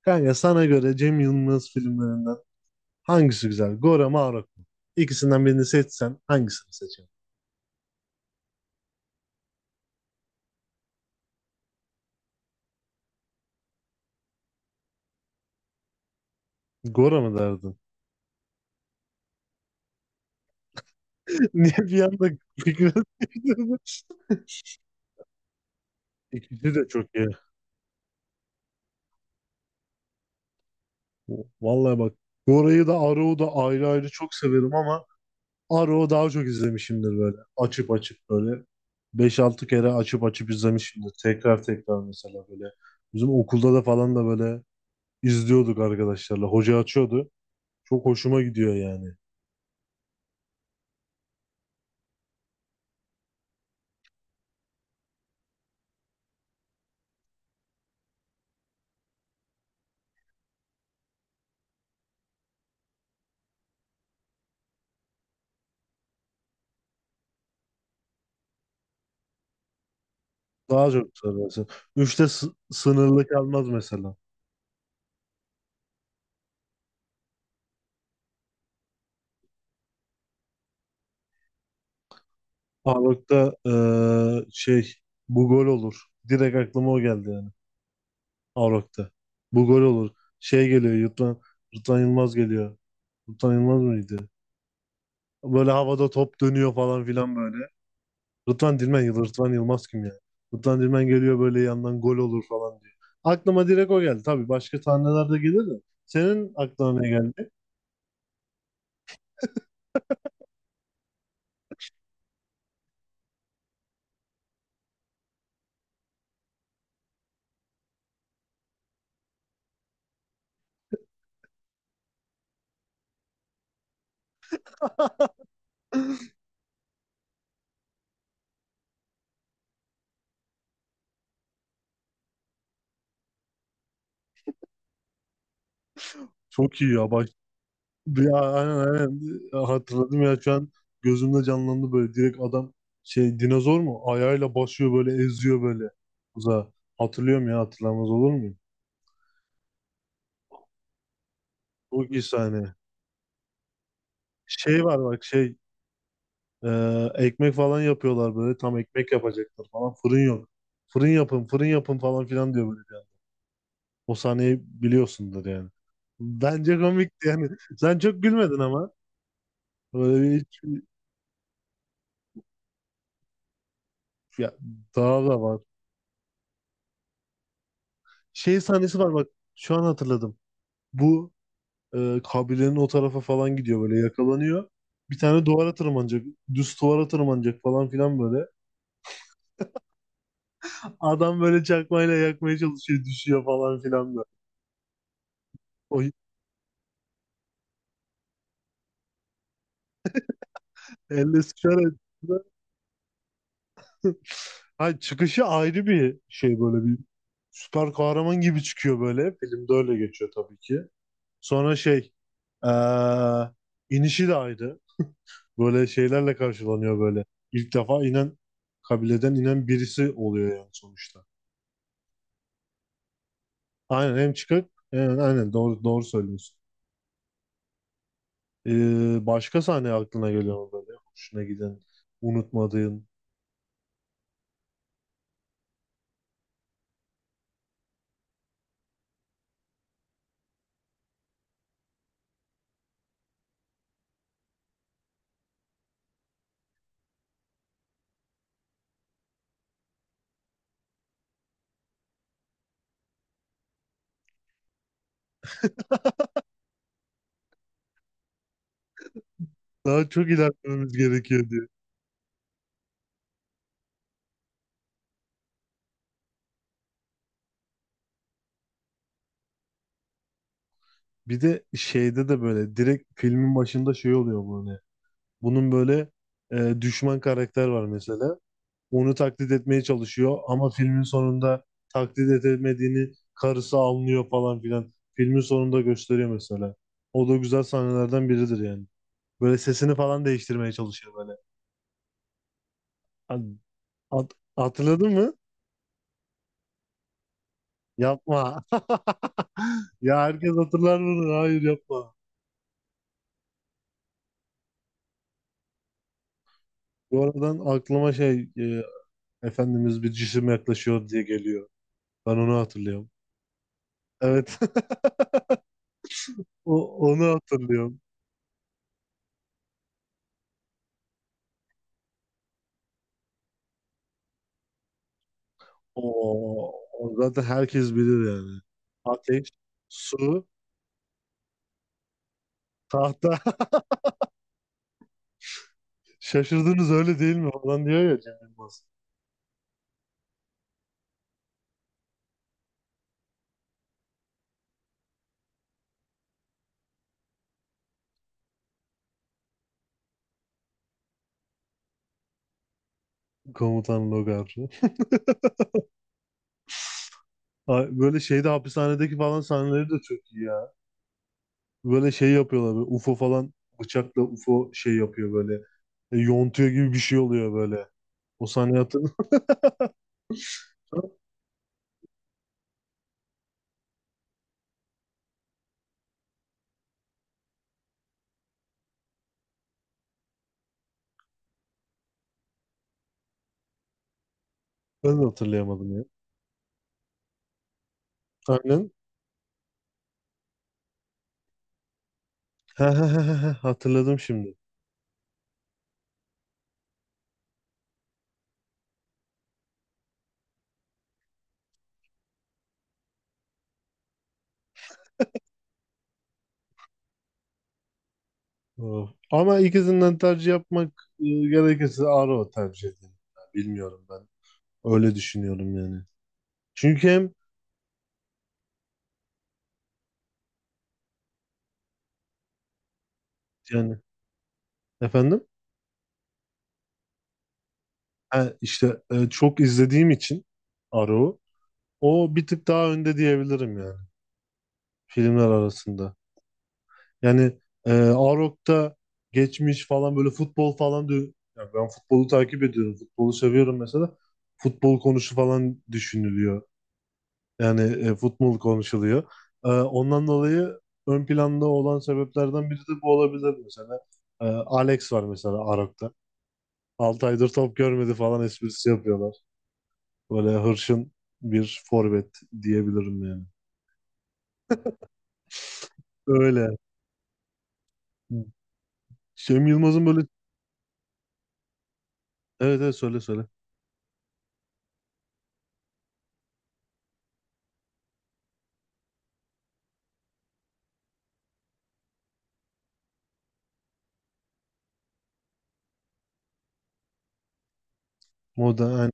Kanka sana göre Cem Yılmaz filmlerinden hangisi güzel? Gora mı Arok mu? İkisinden birini seçsen hangisini seçerdin? Gora mı derdin? Niye bir anda fikrini değiştirdin? İkisi de çok iyi. Vallahi bak, Gora'yı da Arok'u da ayrı ayrı çok severim ama Arok'u daha çok izlemişimdir böyle. Açıp açıp böyle beş altı kere açıp açıp izlemişimdir. Tekrar tekrar mesela böyle. Bizim okulda da falan da böyle izliyorduk arkadaşlarla. Hoca açıyordu. Çok hoşuma gidiyor yani. Daha çok sararsın. Üçte sınırlı kalmaz mesela. Arok'ta şey bu gol olur. Direkt aklıma o geldi yani. Arok'ta. Bu gol olur. Şey geliyor Yurttan Yılmaz geliyor. Rıdvan Yılmaz mıydı? Böyle havada top dönüyor falan filan böyle. Rıdvan Dilmen, Rıdvan Yılmaz kim ya? Rıdvan Dilmen geliyor böyle yandan gol olur falan diyor. Aklıma direkt o geldi. Tabii başka sahneler de gelir de. Senin aklına ne geldi? Çok iyi ya, bak. Ya aynen, aynen. Ya hatırladım ya şu an gözümde canlandı böyle direkt adam şey dinozor mu ayağıyla basıyor böyle eziyor böyle uzağa. Hatırlıyorum ya, hatırlamaz olur muyum? Çok iyi sahne. Şey var bak şey e, ekmek falan yapıyorlar böyle tam ekmek yapacaklar falan fırın yok. Fırın yapın fırın yapın falan filan diyor böyle. O sahneyi biliyorsundur yani. Bence komikti yani. Sen çok gülmedin ama. Böyle hiç, ya, daha da var. Şey sahnesi var bak şu an hatırladım. Bu kabilenin o tarafa falan gidiyor böyle yakalanıyor. Bir tane duvara tırmanacak. Düz duvara tırmanacak falan filan böyle. Adam böyle çakmayla yakmaya çalışıyor. Düşüyor falan filan böyle. O elle sıçarak. Ha, çıkışı ayrı bir şey, böyle bir süper kahraman gibi çıkıyor böyle. Filmde öyle geçiyor tabii ki. Sonra şey e, inişi de ayrı. Böyle şeylerle karşılanıyor böyle. İlk defa inen kabileden inen birisi oluyor yani sonuçta. Aynen, hem çıkık. Evet, aynen, doğru doğru söylüyorsun. Başka sahne aklına geliyor mu böyle? Hoşuna giden, unutmadığın. Daha çok ilerlememiz gerekiyor diyor. Bir de şeyde de böyle direkt filmin başında şey oluyor böyle. Bunun böyle düşman karakter var mesela. Onu taklit etmeye çalışıyor ama filmin sonunda taklit etmediğini karısı anlıyor falan filan. Filmin sonunda gösteriyor mesela. O da güzel sahnelerden biridir yani. Böyle sesini falan değiştirmeye çalışıyor böyle. Hani hatırladın mı? Yapma. Ya herkes hatırlar bunu. Hayır, yapma. Bu aradan aklıma şey Efendimiz bir cisim yaklaşıyor diye geliyor. Ben onu hatırlıyorum. Evet. O, onu hatırlıyorum. Oo, o zaten herkes bilir yani. Ateş, su, tahta. Şaşırdınız öyle değil mi falan diyor ya Cem Yılmaz. Komutan Logar. Ay, böyle şeyde hapishanedeki falan sahneleri de çok iyi. Böyle şey yapıyorlar böyle UFO falan, bıçakla UFO şey yapıyor böyle. Yontuyor gibi bir şey oluyor böyle. O sahneyi hatırlıyor musun? Ben de hatırlayamadım ya. Aynen. Ha, ha, ha, ha, ha, hatırladım şimdi. Oh. Ama ikisinden tercih yapmak gerekirse Arrow tercih ederim. Bilmiyorum ben. Öyle düşünüyorum yani. Çünkü hem yani efendim ha, işte çok izlediğim için Arrow o bir tık daha önde diyebilirim yani filmler arasında. Yani Arok'ta geçmiş falan böyle futbol falan diyor. Yani ben futbolu takip ediyorum. Futbolu seviyorum mesela. Futbol konusu falan düşünülüyor. Yani futbol konuşuluyor. Ondan dolayı ön planda olan sebeplerden biri de bu olabilir mesela. Alex var mesela Arok'ta. 6 aydır top görmedi falan esprisi yapıyorlar. Böyle hırçın bir forvet diyebilirim yani. Öyle. Cem Yılmaz'ın böyle, evet evet, söyle söyle. Moda.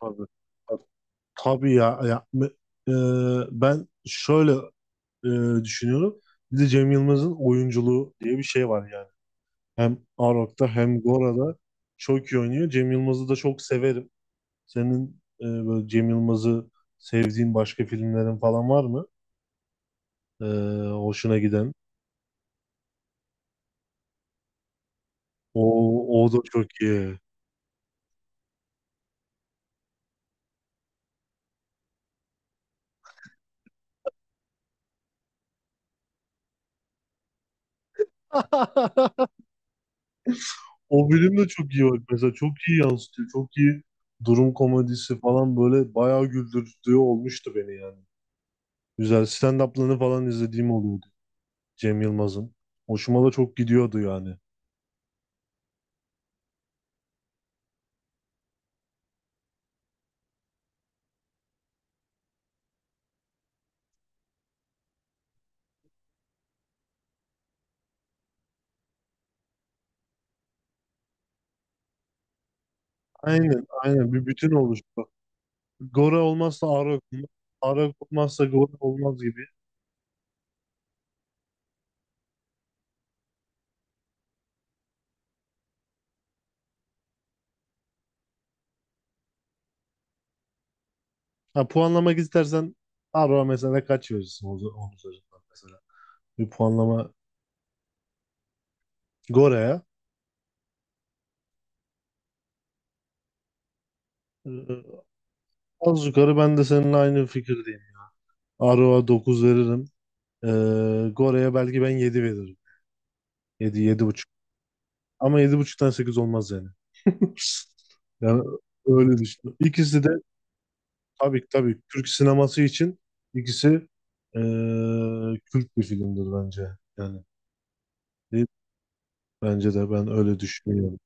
Tabii, tabii. Tabii ya, ya e, ben şöyle düşünüyorum. Bir de Cem Yılmaz'ın oyunculuğu diye bir şey var yani. Hem Arok'ta hem Gora'da çok iyi oynuyor. Cem Yılmaz'ı da çok severim. Senin böyle Cem Yılmaz'ı sevdiğin başka filmlerin falan var mı? E, Hoşuna giden. O da çok iyi. O bölüm de çok iyi, bak. Mesela çok iyi yansıtıyor. Çok iyi durum komedisi falan, böyle bayağı güldürücü olmuştu beni yani. Güzel stand-up'larını falan izlediğim oluyordu Cem Yılmaz'ın. Hoşuma da çok gidiyordu yani. Aynen, aynen, bir bütün oluştu. Gora olmazsa Arak, Arak olmazsa Gora olmaz gibi. Ha, puanlamak istersen Arak'a mesela kaç verirsin onun üzerinden mesela. Bir puanlama Gora'ya. Ee, Az yukarı ben de seninle aynı fikirdeyim. Arak'a 9 veririm. Gora'ya belki ben 7 veririm. Yedi, yedi buçuk. Ama yedi buçuktan 8 olmaz yani. Yani öyle düşünüyorum. İkisi de, tabii tabii, Türk sineması için ikisi Türk bir filmdir bence. Yani değil, bence de ben öyle düşünüyorum.